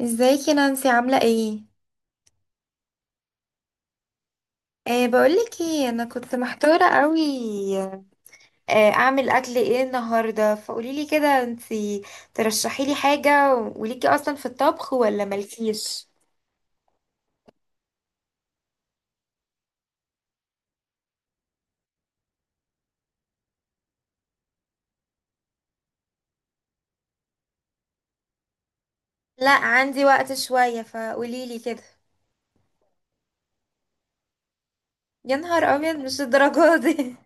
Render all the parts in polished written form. ازيك يا نانسي عاملة ايه؟ أه بقولك ايه، انا كنت محتارة قوي. أه اعمل اكل ايه النهاردة؟ فقوليلي كده انتي ترشحيلي حاجة، وليكي اصلا في الطبخ ولا مالكيش؟ لا عندي وقت شوية، فقوليلي كده. يا نهار ابيض، مش الدرجة دي.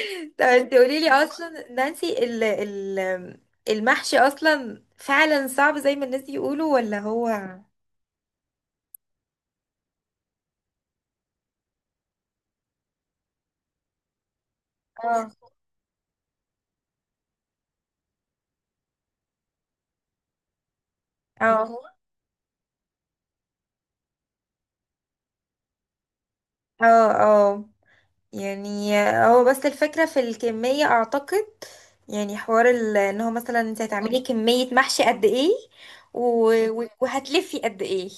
طب انتي قوليلي اصلا نانسي، ال المحشي اصلا فعلا صعب زي ما الناس يقولوا ولا هو؟ اه اه اه. يعني هو بس الفكرة في الكمية اعتقد. يعني حوار ان هو مثلا انت هتعملي كمية محشي قد ايه، و... وهتلفي قد ايه.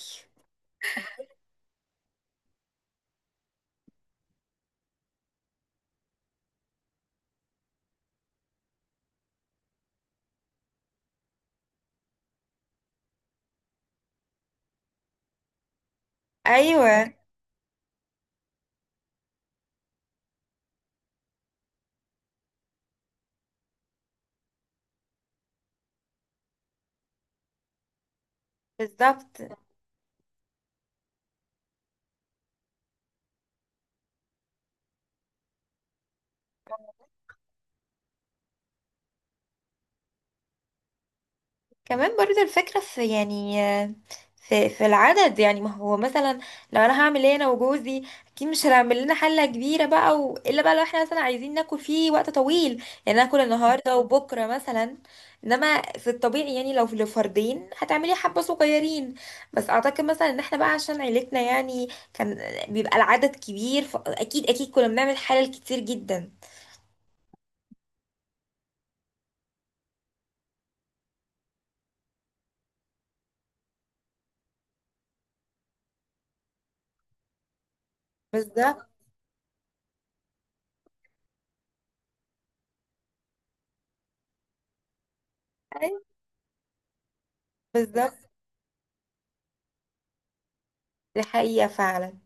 ايوه، بالظبط. كمان برضه الفكرة في يعني في العدد. يعني ما هو مثلا لو انا هعمل ايه، انا وجوزي اكيد مش هنعمل لنا حلة كبيرة بقى، و... الا بقى لو احنا مثلا عايزين ناكل فيه وقت طويل، يعني ناكل النهاردة وبكرة مثلا. انما في الطبيعي يعني لو لفردين هتعملي حبة صغيرين. بس اعتقد مثلا ان احنا بقى عشان عيلتنا يعني كان بيبقى العدد كبير، فاكيد اكيد كنا بنعمل حلل كتير جدا. بالظبط. أيوة، بالظبط. دي حقيقة فعلا.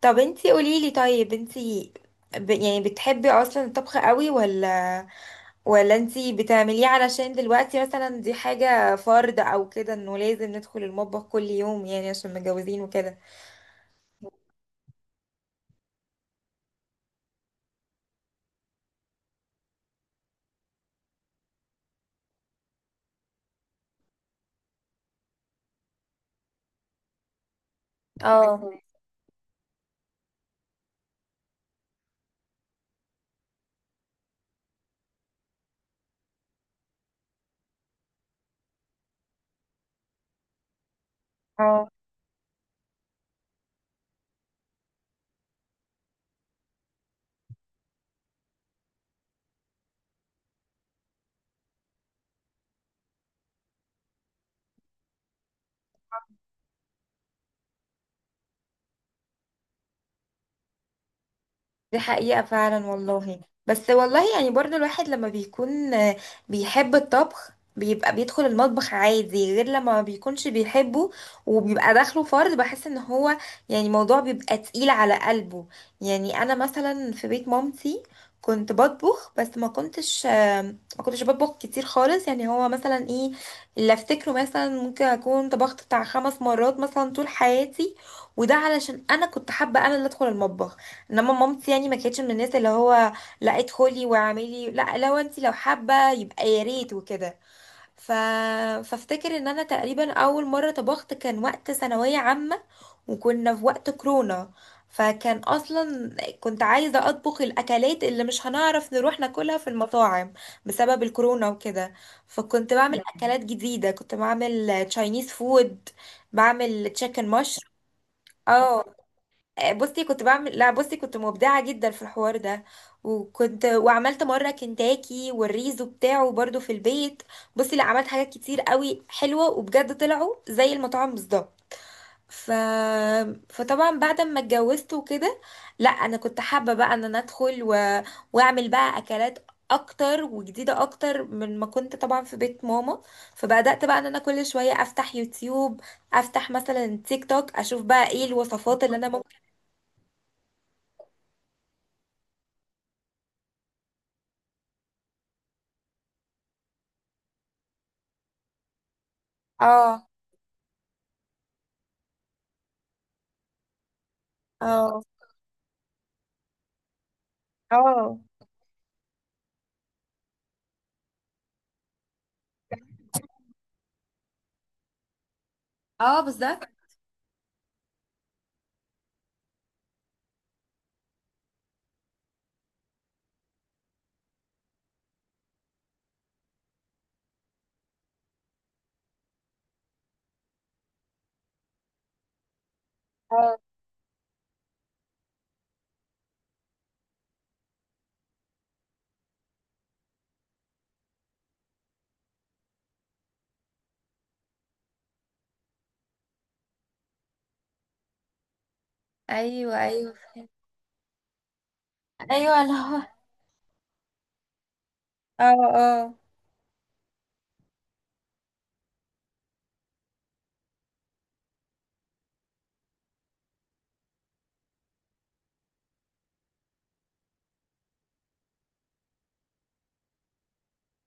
طب انتي قوليلي، طيب انتي ب... يعني بتحبي اصلا الطبخ قوي، ولا ولا انتي بتعمليه علشان دلوقتي مثلا دي حاجة فرض او كده انه لازم ندخل المطبخ كل يوم، يعني عشان متجوزين وكده؟ اه اه. دي حقيقة فعلا والله. بس والله يعني برضو الواحد لما بيكون بيحب الطبخ بيبقى بيدخل المطبخ عادي، غير لما ما بيكونش بيحبه وبيبقى داخله فرض، بحس ان هو يعني موضوع بيبقى تقيل على قلبه. يعني انا مثلا في بيت مامتي كنت بطبخ، بس ما كنتش ما كنتش بطبخ كتير خالص. يعني هو مثلا ايه اللي افتكره، مثلا ممكن اكون طبخت بتاع خمس مرات مثلا طول حياتي، وده علشان انا كنت حابة انا اللي ادخل المطبخ. انما مامتي يعني ما كانتش من الناس اللي هو لا ادخلي واعملي، لا لو انت لو حابه يبقى يا ريت وكده. ف... فافتكر ان انا تقريبا اول مره طبخت كان وقت ثانويه عامه، وكنا في وقت كورونا. فكان اصلا كنت عايزه اطبخ الاكلات اللي مش هنعرف نروح ناكلها في المطاعم بسبب الكورونا وكده. فكنت بعمل اكلات جديده، كنت بعمل تشاينيز فود، بعمل تشيكن مشروم. اه. بصي كنت بعمل، لا بصي كنت مبدعة جدا في الحوار ده، وكنت وعملت مرة كنتاكي والريزو بتاعه برضو في البيت. بصي لا، عملت حاجات كتير قوي حلوة وبجد طلعوا زي المطاعم بالظبط. ف... فطبعا بعد ما اتجوزت وكده، لا انا كنت حابة بقى ان انا ادخل و... واعمل بقى اكلات اكتر وجديدة اكتر من ما كنت طبعا في بيت ماما. فبدأت بقى ان انا كل شوية افتح يوتيوب، افتح مثلا تيك توك، اشوف بقى ايه الوصفات اللي انا ممكن. اه اه اه اه. بالظبط. اه. ايوه، ايوه، ايوه، اللي هو. اه اه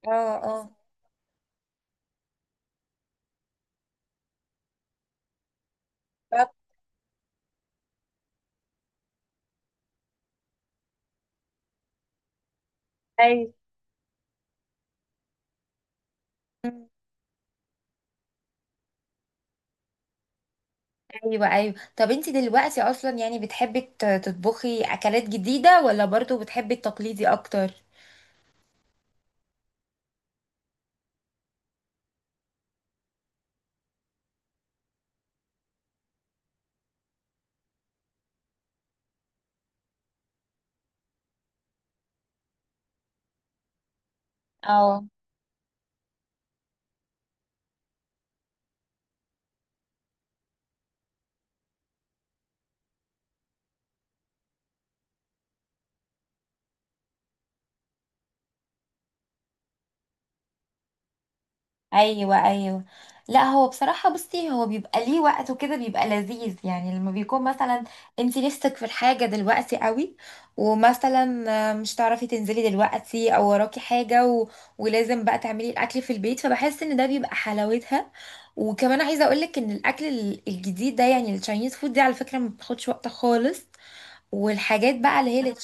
اه. طب. ايوه. مم. ايوه، ايوه. طب انت دلوقتي اصلا يعني بتحبي تطبخي اكلات جديده، ولا برضو بتحبي التقليدي اكتر؟ اه. ايوه، ايوه. لا هو بصراحه بصي هو بيبقى ليه وقت وكده، بيبقى لذيذ يعني لما بيكون مثلا انت نفسك في الحاجه دلوقتي قوي، ومثلا مش تعرفي تنزلي دلوقتي او وراكي حاجه و... ولازم بقى تعملي الاكل في البيت، فبحس ان ده بيبقى حلاوتها. وكمان عايزه اقولك ان الاكل الجديد ده يعني التشاينيز فود دي على فكره ما بتاخدش وقت خالص. والحاجات بقى اللي هي اللي.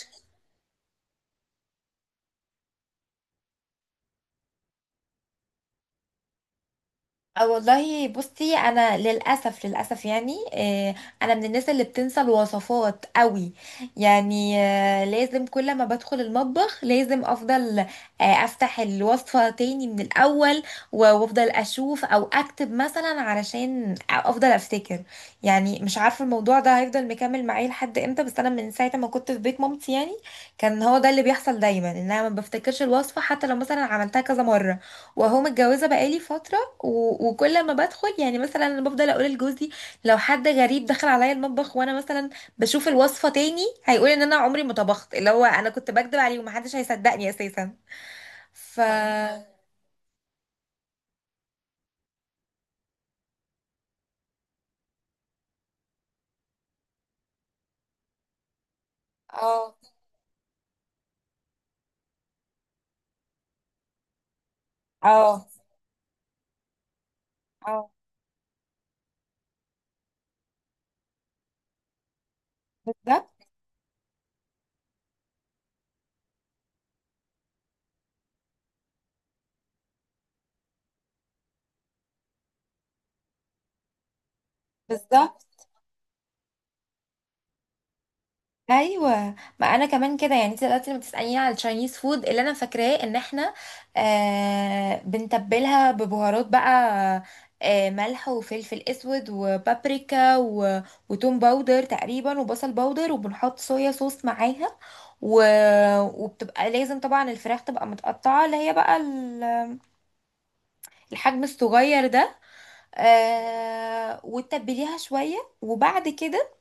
أه والله بصي انا للاسف للاسف يعني، انا من الناس اللي بتنسى الوصفات قوي. يعني لازم كل ما بدخل المطبخ لازم افضل افتح الوصفة تاني من الاول، وافضل اشوف او اكتب مثلا علشان افضل افتكر. يعني مش عارفة الموضوع ده هيفضل مكمل معايا لحد امتى، بس انا من ساعة ما كنت في بيت مامتي يعني كان هو ده اللي بيحصل دايما، ان انا ما بفتكرش الوصفة حتى لو مثلا عملتها كذا مرة. وهو متجوزة بقالي فترة وكل ما بدخل يعني مثلا انا بفضل اقول لجوزي لو حد غريب دخل عليا المطبخ وانا مثلا بشوف الوصفه تاني هيقول ان انا عمري ما طبخت، اللي هو انا كنت بكدب عليه ومحدش هيصدقني اساسا. ف. اه اه اه. بالظبط. بالظبط. ايوه، ما انا كمان كده. يعني انت دلوقتي لما بتساليني على التشاينيز فود، اللي انا فاكراه ان احنا آه بنتبلها ببهارات بقى، آه ملح وفلفل اسود وبابريكا و... وتوم باودر تقريبا وبصل باودر، وبنحط صويا صوص معاها و... وبتبقى لازم طبعا الفراخ تبقى متقطعه اللي هي بقى الحجم الصغير ده. آه وتتبليها شويه وبعد كده،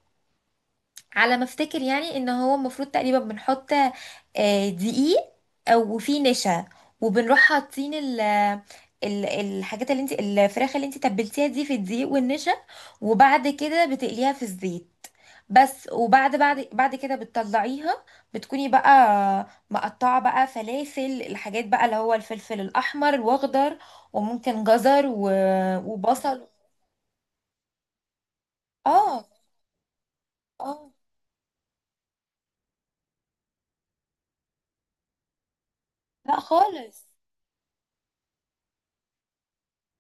على ما افتكر يعني ان هو المفروض تقريبا بنحط دقيق او وفيه نشا، وبنروح حاطين ال الحاجات اللي انت الفراخ اللي انت تبلتيها دي في الدقيق والنشا، وبعد كده بتقليها في الزيت بس. وبعد بعد بعد كده بتطلعيها. بتكوني بقى مقطعة بقى فلافل الحاجات بقى اللي هو الفلفل الأحمر وأخضر وممكن جزر وبصل. اه. اه لا خالص.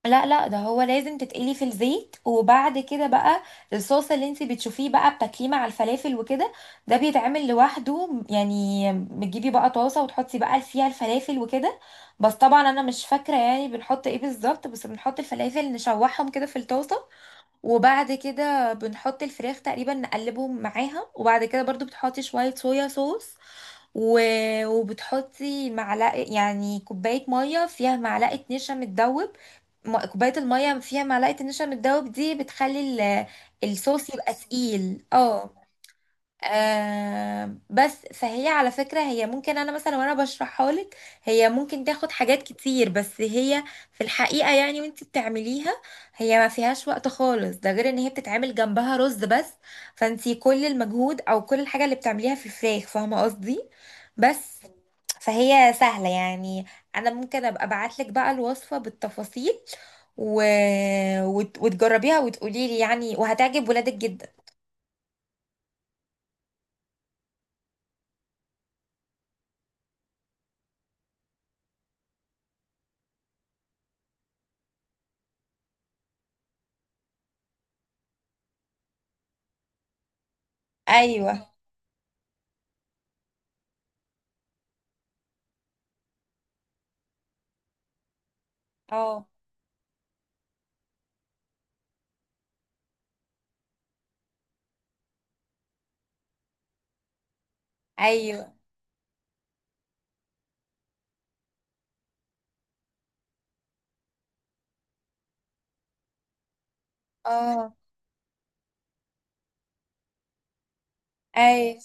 لا لا، ده هو لازم تتقلي في الزيت، وبعد كده بقى الصوص اللي انت بتشوفيه بقى بتاكليه مع الفلافل وكده ده بيتعمل لوحده. يعني بتجيبي بقى طاسة وتحطي بقى فيها الفلافل وكده. بس طبعا انا مش فاكرة يعني بنحط ايه بالظبط، بس بنحط الفلافل نشوحهم كده في الطاسة، وبعد كده بنحط الفراخ تقريبا نقلبهم معاها، وبعد كده برضو بتحطي شوية صويا صوص و... وبتحطي معلقة، يعني كوباية مية فيها معلقة نشا متدوب. كوباية المية فيها معلقة النشا متدوب دي بتخلي ال... الصوص يبقى تقيل. اه. آه بس فهي على فكرة هي ممكن، أنا مثلا وأنا بشرحها لك هي ممكن تاخد حاجات كتير، بس هي في الحقيقة يعني وانت بتعمليها هي ما فيهاش وقت خالص، ده غير إن هي بتتعمل جنبها رز بس. فانت كل المجهود أو كل الحاجة اللي بتعمليها في الفراخ، فاهمة قصدي؟ بس فهي سهلة يعني. أنا ممكن أبقى أبعتلك بقى الوصفة بالتفاصيل و... وتجربيها وتقوليلي يعني، وهتعجب ولادك جدا. أيوة. اه. ايوه. اه. ايوه.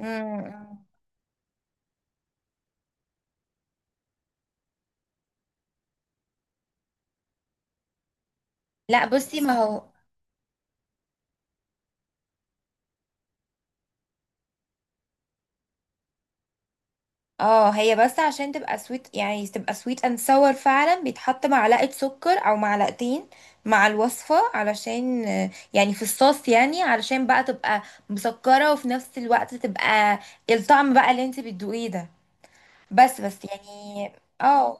امم. إمم. لا بصي، ما هو. اه هي بس عشان تبقى سويت يعني تبقى سويت اند sour فعلا بيتحط معلقة سكر او معلقتين مع الوصفة، علشان يعني في الصوص يعني علشان بقى تبقى مسكرة وفي نفس الوقت تبقى الطعم بقى اللي انت بتدوقيه ده. بس يعني. اه.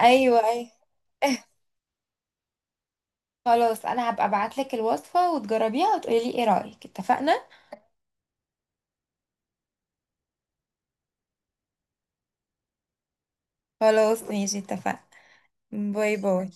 ايوه، ايوه. خلاص، انا هبقى ابعتلك الوصفة وتجربيها وتقولي لي ايه رأيك، اتفقنا؟ خلاص، ماشي، اتفقنا. باي باي.